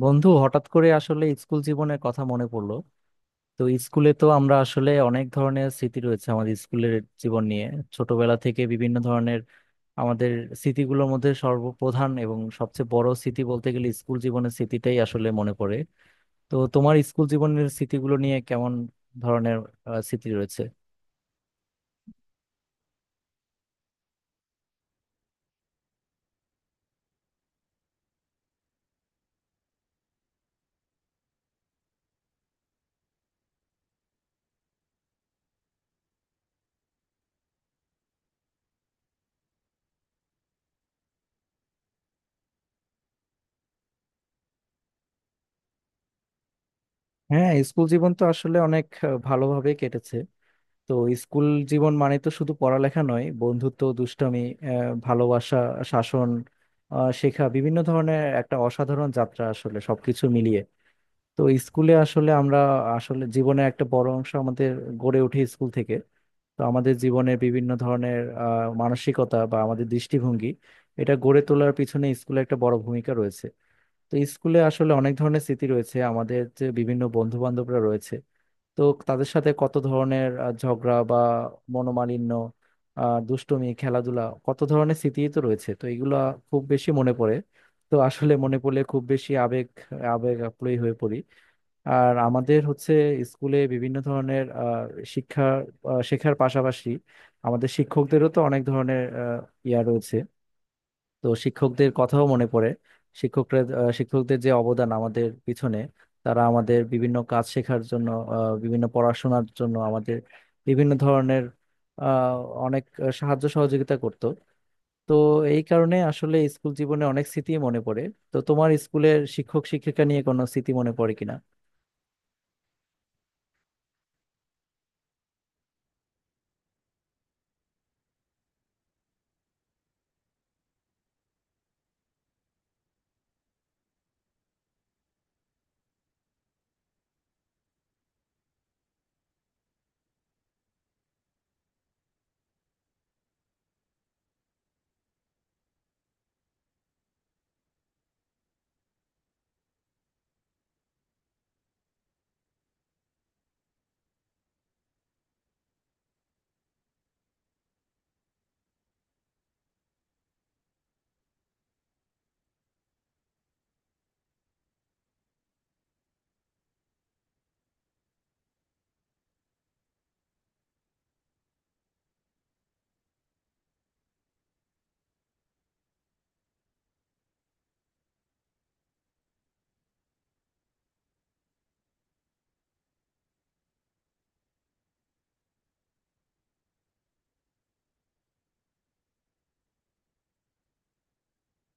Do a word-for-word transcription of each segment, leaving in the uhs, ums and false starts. বন্ধু, হঠাৎ করে আসলে স্কুল জীবনের কথা মনে পড়লো। তো স্কুলে তো আমরা আসলে অনেক ধরনের স্মৃতি রয়েছে আমাদের স্কুলের জীবন নিয়ে। ছোটবেলা থেকে বিভিন্ন ধরনের আমাদের স্মৃতিগুলোর মধ্যে সর্বপ্রধান এবং সবচেয়ে বড় স্মৃতি বলতে গেলে স্কুল জীবনের স্মৃতিটাই আসলে মনে পড়ে। তো তোমার স্কুল জীবনের স্মৃতিগুলো নিয়ে কেমন ধরনের আহ, স্মৃতি রয়েছে? হ্যাঁ, স্কুল জীবন তো আসলে অনেক আহ, ভালোভাবে কেটেছে। তো স্কুল জীবন মানে তো শুধু পড়ালেখা নয়, বন্ধুত্ব, দুষ্টমি, আহ, ভালোবাসা, শাসন, আহ, শেখা, বিভিন্ন ধরনের একটা অসাধারণ যাত্রা আসলে সবকিছু মিলিয়ে। তো স্কুলে আসলে আমরা আসলে জীবনের একটা বড় অংশ আমাদের গড়ে ওঠে স্কুল থেকে। তো আমাদের জীবনের বিভিন্ন ধরনের আহ, মানসিকতা বা আমাদের দৃষ্টিভঙ্গি, এটা গড়ে তোলার পিছনে স্কুলে একটা বড় ভূমিকা রয়েছে। তো স্কুলে আসলে অনেক ধরনের স্মৃতি রয়েছে আমাদের, যে বিভিন্ন বন্ধু বান্ধবরা রয়েছে। তো তাদের সাথে কত ধরনের আহ, ঝগড়া বা মনোমালিন্য, আহ দুষ্টুমি, খেলাধুলা, কত ধরনের স্মৃতি তো রয়েছে। তো এগুলা খুব বেশি মনে পড়ে। তো আসলে মনে পড়লে খুব বেশি আবেগ আবেগ আপ্লুত হয়ে পড়ি। আর আমাদের হচ্ছে স্কুলে বিভিন্ন ধরনের আহ শিক্ষা, আহ, শেখার পাশাপাশি আমাদের শিক্ষকদেরও তো অনেক ধরনের আহ, ইয়া রয়েছে। তো শিক্ষকদের কথাও মনে পড়ে। শিক্ষকরা আহ, শিক্ষকদের যে অবদান আমাদের পিছনে, তারা আমাদের বিভিন্ন কাজ শেখার জন্য, আহ, বিভিন্ন পড়াশোনার জন্য আমাদের বিভিন্ন ধরনের আহ, অনেক সাহায্য সহযোগিতা করত। তো এই কারণে আসলে স্কুল জীবনে অনেক স্মৃতি মনে পড়ে। তো তোমার স্কুলের শিক্ষক শিক্ষিকা নিয়ে কোনো স্মৃতি মনে পড়ে কিনা?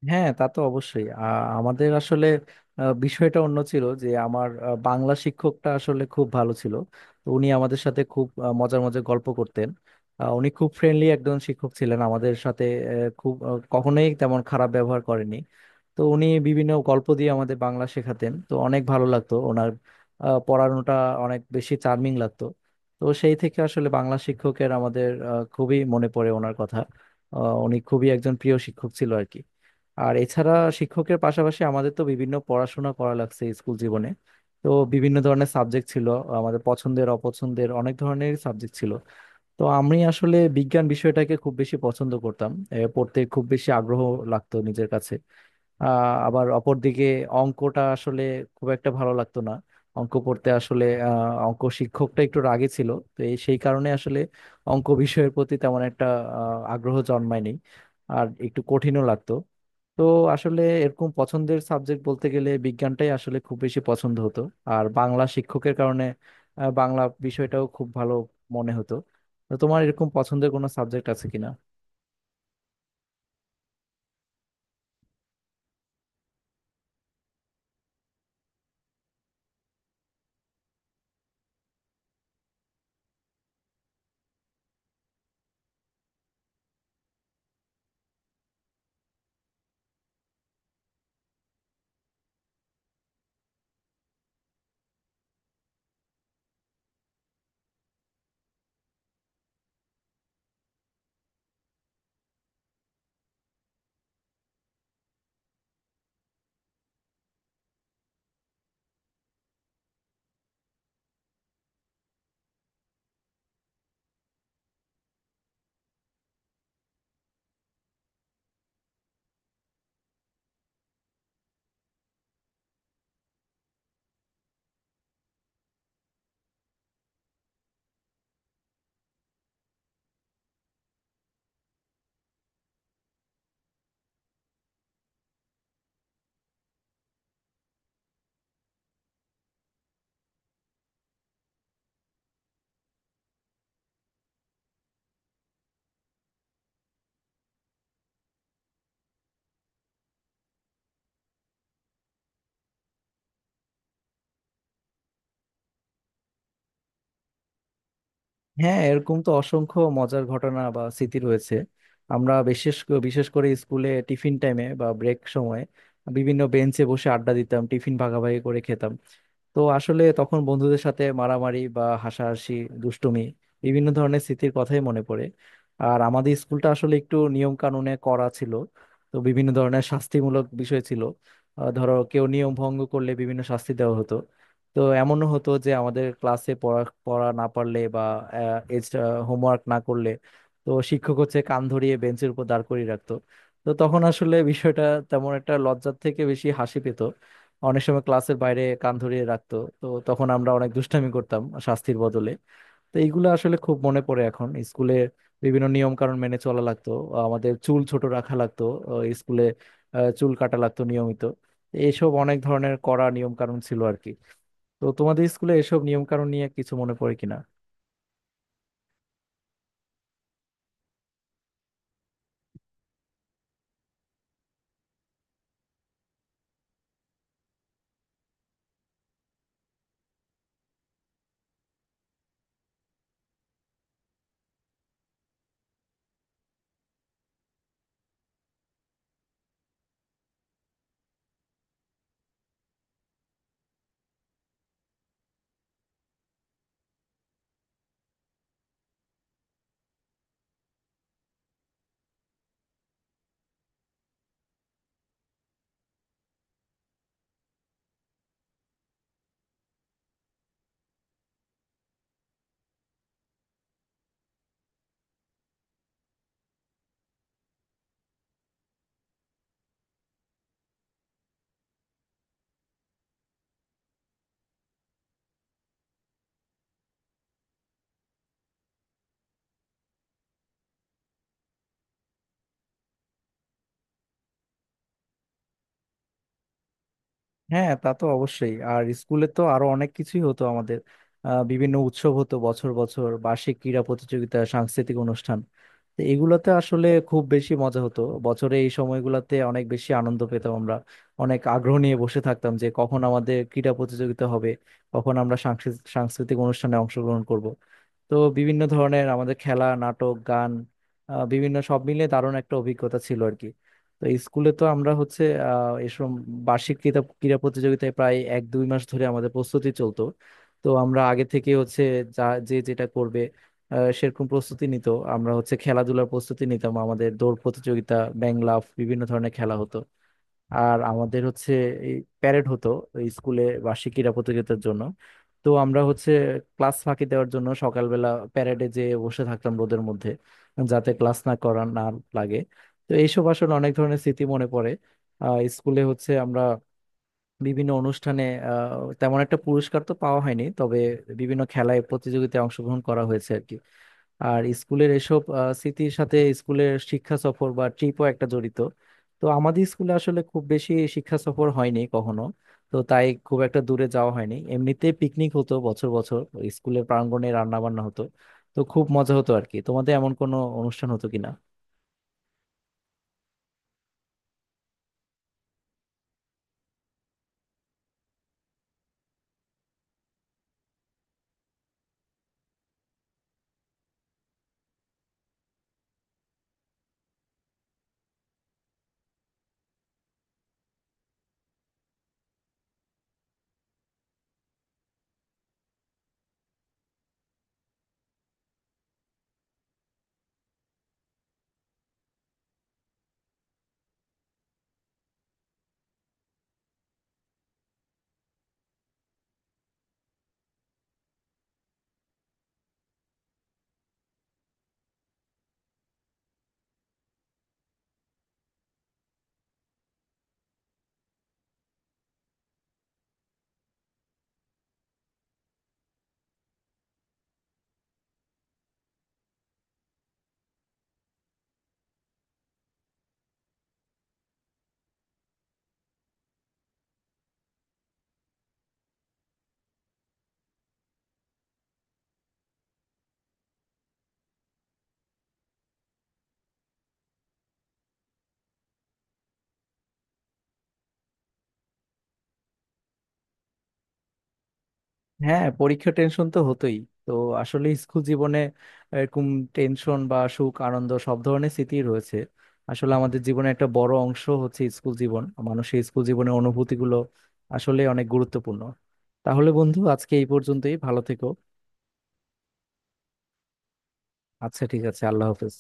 হ্যাঁ, তা তো অবশ্যই। আ- আমাদের আসলে আ, বিষয়টা অন্য ছিল, যে আমার আ, বাংলা শিক্ষকটা আসলে খুব ভালো ছিল। তো উনি আমাদের সাথে খুব আ, মজার মজার গল্প করতেন। আ, উনি খুব ফ্রেন্ডলি একজন শিক্ষক ছিলেন আমাদের সাথে। এ, খুব আ, কখনোই তেমন খারাপ ব্যবহার করেনি। তো উনি বিভিন্ন গল্প দিয়ে আমাদের বাংলা শেখাতেন, তো অনেক ভালো লাগতো ওনার আ, পড়ানোটা, অনেক বেশি চার্মিং লাগতো। তো সেই থেকে আসলে বাংলা শিক্ষকের আমাদের আ, খুবই মনে পড়ে ওনার কথা। আ, উনি খুবই একজন প্রিয় শিক্ষক ছিল আর কি। আর এছাড়া শিক্ষকের পাশাপাশি আমাদের তো বিভিন্ন পড়াশোনা করা লাগছে স্কুল জীবনে। তো বিভিন্ন ধরনের সাবজেক্ট ছিল, আমাদের পছন্দের অপছন্দের অনেক ধরনের সাবজেক্ট ছিল। তো আমি আসলে বিজ্ঞান বিষয়টাকে খুব বেশি পছন্দ করতাম, এ, পড়তে খুব বেশি আগ্রহ লাগতো নিজের কাছে। আহ আবার অপরদিকে অঙ্কটা আসলে খুব একটা ভালো লাগতো না। অঙ্ক পড়তে আসলে আহ অঙ্ক শিক্ষকটা একটু রাগী ছিল। তো এই সেই কারণে আসলে অঙ্ক বিষয়ের প্রতি তেমন একটা আহ, আগ্রহ জন্মায়নি, আর একটু কঠিনও লাগতো। তো আসলে এরকম পছন্দের সাবজেক্ট বলতে গেলে বিজ্ঞানটাই আসলে খুব বেশি পছন্দ হতো। আর বাংলা শিক্ষকের কারণে আহ, বাংলা বিষয়টাও খুব ভালো মনে হতো। তো তোমার এরকম পছন্দের কোনো সাবজেক্ট আছে কিনা? হ্যাঁ, এরকম তো অসংখ্য মজার ঘটনা বা স্মৃতি রয়েছে। আমরা বিশেষ ক- বিশেষ করে স্কুলে টিফিন টাইমে বা ব্রেক সময়ে বিভিন্ন বেঞ্চে বসে আড্ডা দিতাম, টিফিন ভাগাভাগি করে খেতাম। তো আসলে তখন বন্ধুদের সাথে মারামারি বা হাসাহাসি, দুষ্টুমি, বিভিন্ন ধরনের স্মৃতির কথাই মনে পড়ে। আর আমাদের স্কুলটা আসলে একটু নিয়ম কানুনে করা ছিল। তো বিভিন্ন ধরনের শাস্তিমূলক বিষয় ছিল। আহ, ধরো, কেউ নিয়ম ভঙ্গ করলে বিভিন্ন শাস্তি দেওয়া হতো। তো এমনও হতো যে আমাদের ক্লাসে পড়া পড়া না পারলে বা এক্সট্রা হোমওয়ার্ক না করলে, তো শিক্ষক হচ্ছে কান ধরিয়ে বেঞ্চের উপর দাঁড় করিয়ে রাখতো। তো তখন আসলে বিষয়টা তেমন একটা লজ্জার থেকে বেশি হাসি পেত। অনেক সময় ক্লাসের বাইরে কান ধরিয়ে রাখতো, তো তখন আমরা অনেক দুষ্টামি করতাম শাস্তির বদলে। তো এইগুলো আসলে খুব মনে পড়ে। এখন স্কুলে বিভিন্ন নিয়ম কানুন মেনে চলা লাগতো, আমাদের চুল ছোট রাখা লাগতো স্কুলে, চুল কাটা লাগতো নিয়মিত, এইসব অনেক ধরনের কড়া নিয়ম কানুন ছিল আর কি। তো তোমাদের স্কুলে এসব নিয়ম কানুন নিয়ে কিছু মনে পড়ে কিনা? হ্যাঁ, তা তো অবশ্যই। আর স্কুলে তো আরো অনেক কিছুই হতো আমাদের। আহ, বিভিন্ন উৎসব হতো, বছর বছর বার্ষিক ক্রীড়া প্রতিযোগিতা, সাংস্কৃতিক অনুষ্ঠান। তো এগুলোতে আসলে খুব বেশি মজা হতো। বছরে এই সময়গুলোতে অনেক বেশি আনন্দ পেতাম আমরা, অনেক আগ্রহ নিয়ে বসে থাকতাম যে কখন আমাদের ক্রীড়া প্রতিযোগিতা হবে, কখন আমরা সাংস্কৃ- সাংস্কৃতিক অনুষ্ঠানে অংশগ্রহণ করব। তো বিভিন্ন ধরনের আমাদের খেলা, নাটক, গান, আহ, বিভিন্ন, সব মিলে দারুণ একটা অভিজ্ঞতা ছিল আর কি। তো স্কুলে তো আমরা হচ্ছে আহ এসব বার্ষিক ক্রীড়া ক্রীড়া প্রতিযোগিতায় প্রায় এক দুই মাস ধরে আমাদের প্রস্তুতি চলতো। তো আমরা আগে থেকে হচ্ছে যা যে যেটা করবে আহ, সেরকম প্রস্তুতি নিত। আমরা হচ্ছে খেলাধুলার প্রস্তুতি নিতাম, আমাদের দৌড় প্রতিযোগিতা, ব্যাং লাফ, বিভিন্ন ধরনের খেলা হতো। আর আমাদের হচ্ছে এই প্যারেড হতো এই স্কুলে বার্ষিক ক্রীড়া প্রতিযোগিতার জন্য। তো আমরা হচ্ছে ক্লাস ফাঁকি দেওয়ার জন্য সকালবেলা প্যারেডে যেয়ে বসে থাকতাম রোদের মধ্যে, যাতে ক্লাস না করা না লাগে। তো এইসব আসলে অনেক ধরনের স্মৃতি মনে পড়ে। আহ স্কুলে হচ্ছে আমরা বিভিন্ন অনুষ্ঠানে আহ তেমন একটা পুরস্কার তো পাওয়া হয়নি, তবে বিভিন্ন খেলায় প্রতিযোগিতায় অংশগ্রহণ করা হয়েছে আর কি। আর স্কুলের এসব আহ, স্মৃতির সাথে স্কুলের শিক্ষা সফর বা ট্রিপও একটা জড়িত। তো আমাদের স্কুলে আসলে খুব বেশি শিক্ষা সফর হয়নি কখনো। তো তাই খুব একটা দূরে যাওয়া হয়নি, এমনিতে পিকনিক হতো বছর বছর, ওই স্কুলের প্রাঙ্গণে রান্না বান্না হতো। তো খুব মজা হতো আর কি। তোমাদের এমন কোনো অনুষ্ঠান হতো কিনা? হ্যাঁ, পরীক্ষা টেনশন তো হতোই। তো আসলে স্কুল জীবনে এরকম টেনশন বা সুখ আনন্দ, সব ধরনের স্মৃতি রয়েছে। আসলে আমাদের জীবনে একটা বড় অংশ হচ্ছে স্কুল জীবন। মানুষের স্কুল জীবনের অনুভূতিগুলো আসলে অনেক গুরুত্বপূর্ণ। তাহলে বন্ধু, আজকে এই পর্যন্তই, ভালো থেকো। আচ্ছা, ঠিক আছে, আল্লাহ হাফেজ।